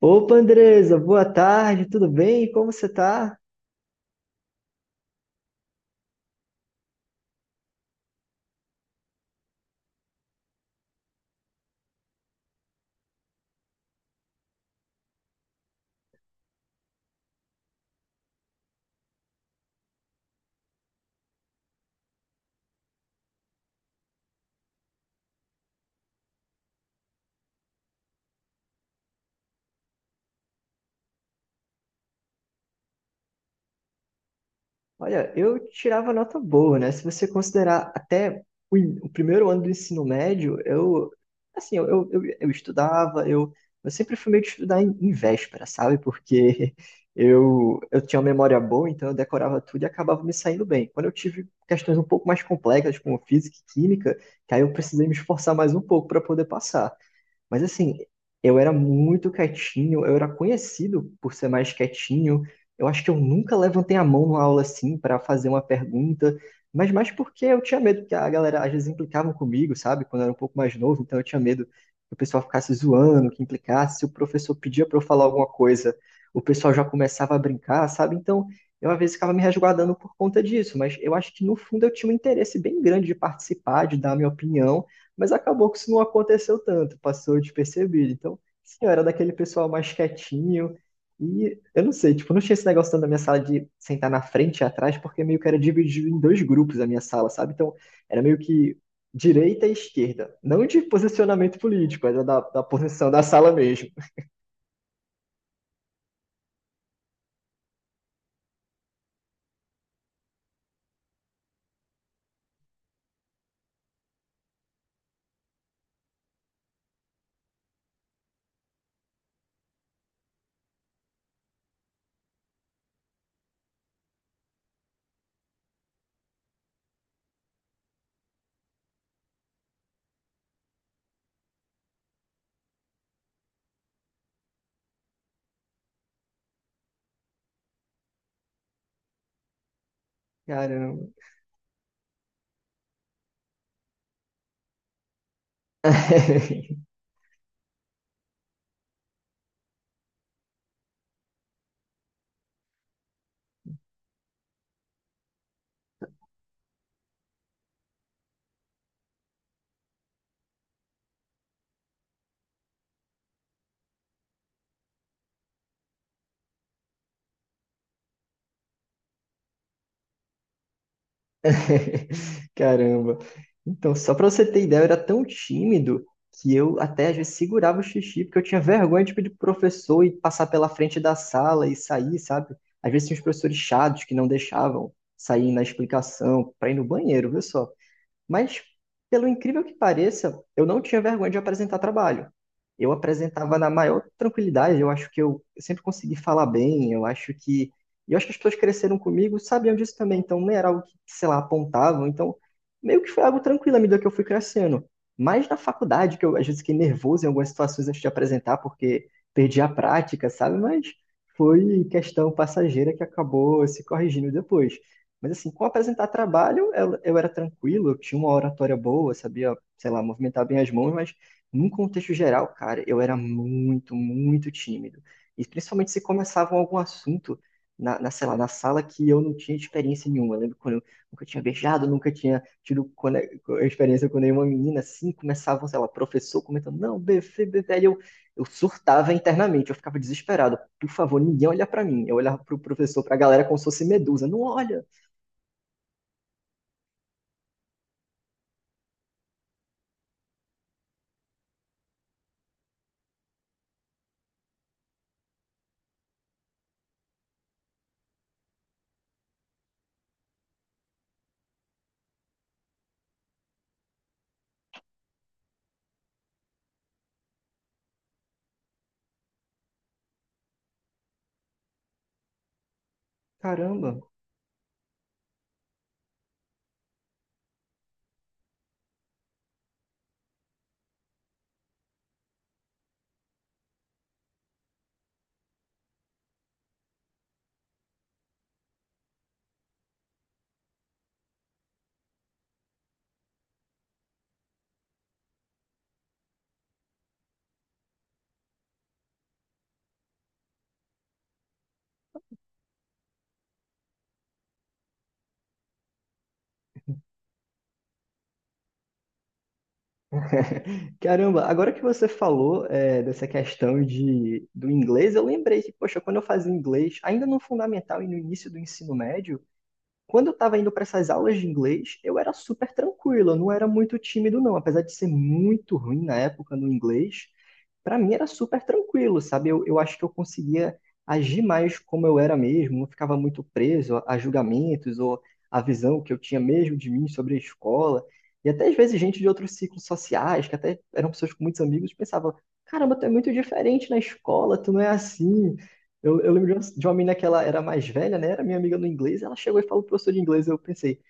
Opa, Andresa, boa tarde, tudo bem? Como você tá? Olha, eu tirava nota boa, né? Se você considerar até o primeiro ano do ensino médio, eu estudava, eu sempre fui meio de estudar em véspera, sabe? Porque eu tinha uma memória boa, então eu decorava tudo e acabava me saindo bem. Quando eu tive questões um pouco mais complexas, como física e química, que aí eu precisei me esforçar mais um pouco para poder passar. Mas assim, eu era muito quietinho, eu era conhecido por ser mais quietinho. Eu acho que eu nunca levantei a mão numa aula assim para fazer uma pergunta, mas mais porque eu tinha medo que a galera às vezes implicava comigo, sabe? Quando eu era um pouco mais novo, então eu tinha medo que o pessoal ficasse zoando, que implicasse, se o professor pedia para eu falar alguma coisa, o pessoal já começava a brincar, sabe? Então, eu às vezes ficava me resguardando por conta disso, mas eu acho que no fundo eu tinha um interesse bem grande de participar, de dar a minha opinião. Mas acabou que isso não aconteceu tanto, passou despercebido. Então, sim, eu era daquele pessoal mais quietinho. E eu não sei, tipo, não tinha esse negócio tanto da minha sala de sentar na frente e atrás, porque meio que era dividido em dois grupos a minha sala, sabe? Então, era meio que direita e esquerda. Não de posicionamento político, era da posição da sala mesmo. Caramba. Caramba. Então, só pra você ter ideia, eu era tão tímido que eu até às vezes segurava o xixi, porque eu tinha vergonha tipo, de pedir pro professor e passar pela frente da sala e sair, sabe? Às vezes tinha uns professores chados que não deixavam sair na explicação pra ir no banheiro, viu só? Mas, pelo incrível que pareça, eu não tinha vergonha de apresentar trabalho. Eu apresentava na maior tranquilidade, eu acho que eu sempre consegui falar bem, eu acho que. E eu acho que as pessoas cresceram comigo, sabiam disso também, então não era algo que, sei lá, apontavam, então meio que foi algo tranquilo à medida que eu fui crescendo. Mas na faculdade, que eu às vezes fiquei nervoso em algumas situações antes de apresentar, porque perdi a prática, sabe? Mas foi questão passageira que acabou se corrigindo depois. Mas assim, com apresentar trabalho, eu era tranquilo, eu tinha uma oratória boa, sabia, sei lá, movimentar bem as mãos, mas num contexto geral, cara, eu era muito, muito tímido. E principalmente se começavam algum assunto na, sei lá, na sala que eu não tinha experiência nenhuma. Eu lembro quando eu nunca tinha beijado, nunca tinha tido experiência com nenhuma menina, assim, começavam, sei lá, professor comentando, não, bebê, bebê, aí eu surtava internamente, eu ficava desesperado. Por favor, ninguém olha pra mim. Eu olhava pro professor, pra galera como se fosse medusa. Não olha, caramba, caramba, agora que você falou é, dessa questão de, do inglês, eu lembrei que, poxa, quando eu fazia inglês, ainda no fundamental e no início do ensino médio, quando eu estava indo para essas aulas de inglês, eu era super tranquilo, eu não era muito tímido, não, apesar de ser muito ruim na época no inglês, para mim era super tranquilo, sabe? Eu acho que eu conseguia agir mais como eu era mesmo, não ficava muito preso a julgamentos ou a visão que eu tinha mesmo de mim sobre a escola. E até às vezes gente de outros ciclos sociais, que até eram pessoas com muitos amigos, pensava: caramba, tu é muito diferente na escola, tu não é assim. Eu lembro de uma menina que ela era mais velha, né? Era minha amiga no inglês, ela chegou e falou pro professor de inglês, eu pensei.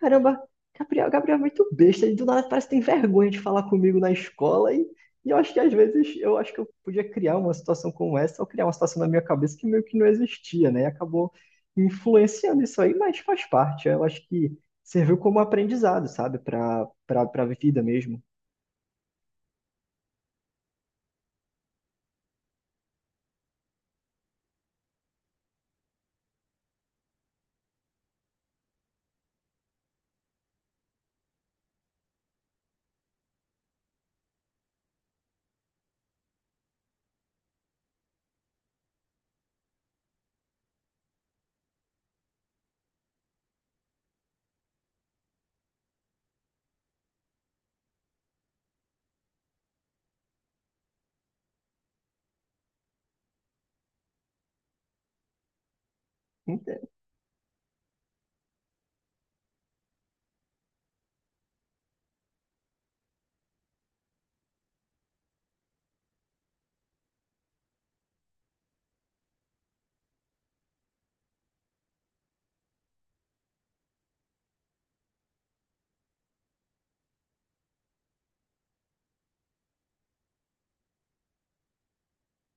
Caramba, Gabriel é muito besta. Ele do nada parece que tem vergonha de falar comigo na escola. E eu acho que às vezes eu acho que eu podia criar uma situação como essa, ou criar uma situação na minha cabeça que meio que não existia, né? E acabou influenciando isso aí, mas faz parte. Eu acho que serviu como aprendizado, sabe? Para para vida mesmo. Ent-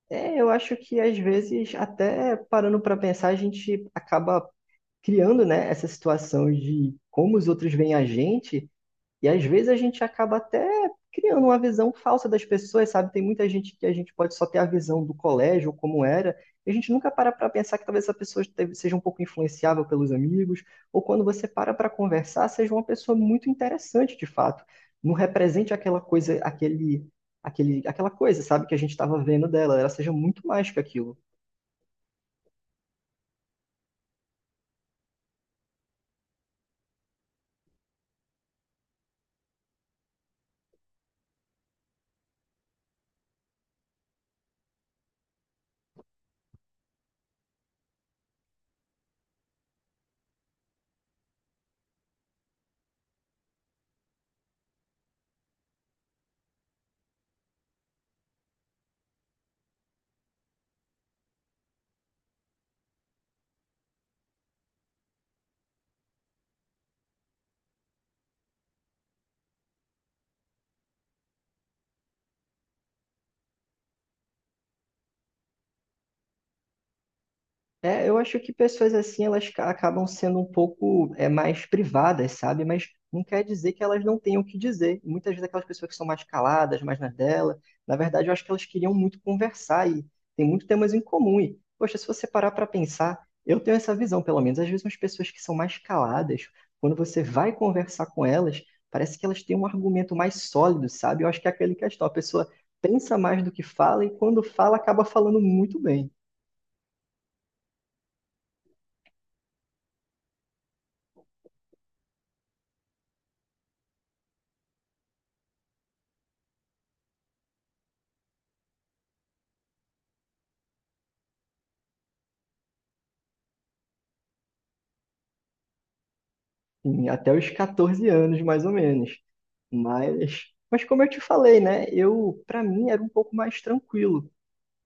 É, eu acho que às vezes, até parando para pensar, a gente acaba criando, né, essa situação de como os outros veem a gente. E às vezes a gente acaba até criando uma visão falsa das pessoas, sabe? Tem muita gente que a gente pode só ter a visão do colégio, como era, e a gente nunca para para pensar que talvez seja um pouco influenciável pelos amigos, ou quando você para para conversar, seja uma pessoa muito interessante de fato. Não represente aquela coisa, aquela coisa, sabe, que a gente estava vendo dela, ela seja muito mais que aquilo. É, eu acho que pessoas assim, acabam sendo um pouco é, mais privadas, sabe? Mas não quer dizer que elas não tenham o que dizer. Muitas vezes aquelas pessoas que são mais caladas, mais na dela, na verdade, eu acho que elas queriam muito conversar e tem muitos temas em comum. E, poxa, se você parar para pensar, eu tenho essa visão, pelo menos. Às vezes, as pessoas que são mais caladas, quando você vai conversar com elas, parece que elas têm um argumento mais sólido, sabe? Eu acho que é aquele questão, a pessoa pensa mais do que fala e quando fala, acaba falando muito bem. Sim, até os 14 anos, mais ou menos. Mas como eu te falei, né? Eu, para mim, era um pouco mais tranquilo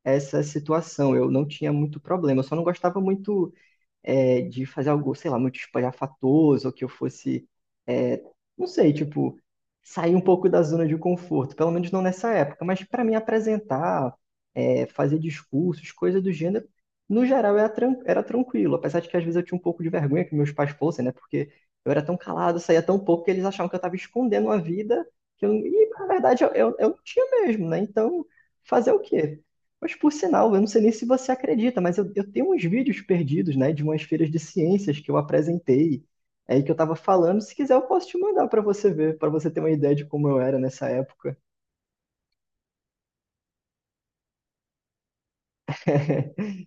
essa situação. Eu não tinha muito problema. Eu só não gostava muito é, de fazer algo, sei lá, muito espalhafatoso, ou que eu fosse, é, não sei, tipo, sair um pouco da zona de conforto, pelo menos não nessa época, mas para mim apresentar, é, fazer discursos, coisa do gênero, no geral era, era tranquilo, apesar de que às vezes eu tinha um pouco de vergonha que meus pais fossem, né, porque eu era tão calado, saía tão pouco que eles achavam que eu estava escondendo a vida, que eu, e na verdade eu não tinha mesmo, né, então fazer o quê? Mas por sinal, eu não sei nem se você acredita, mas eu tenho uns vídeos perdidos, né, de umas feiras de ciências que eu apresentei, aí que eu estava falando. Se quiser, eu posso te mandar para você ver, para você ter uma ideia de como eu era nessa época.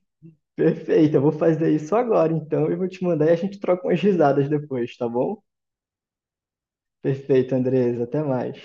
Perfeito, eu vou fazer isso agora, então, e vou te mandar e a gente troca umas risadas depois, tá bom? Perfeito, Andres, até mais.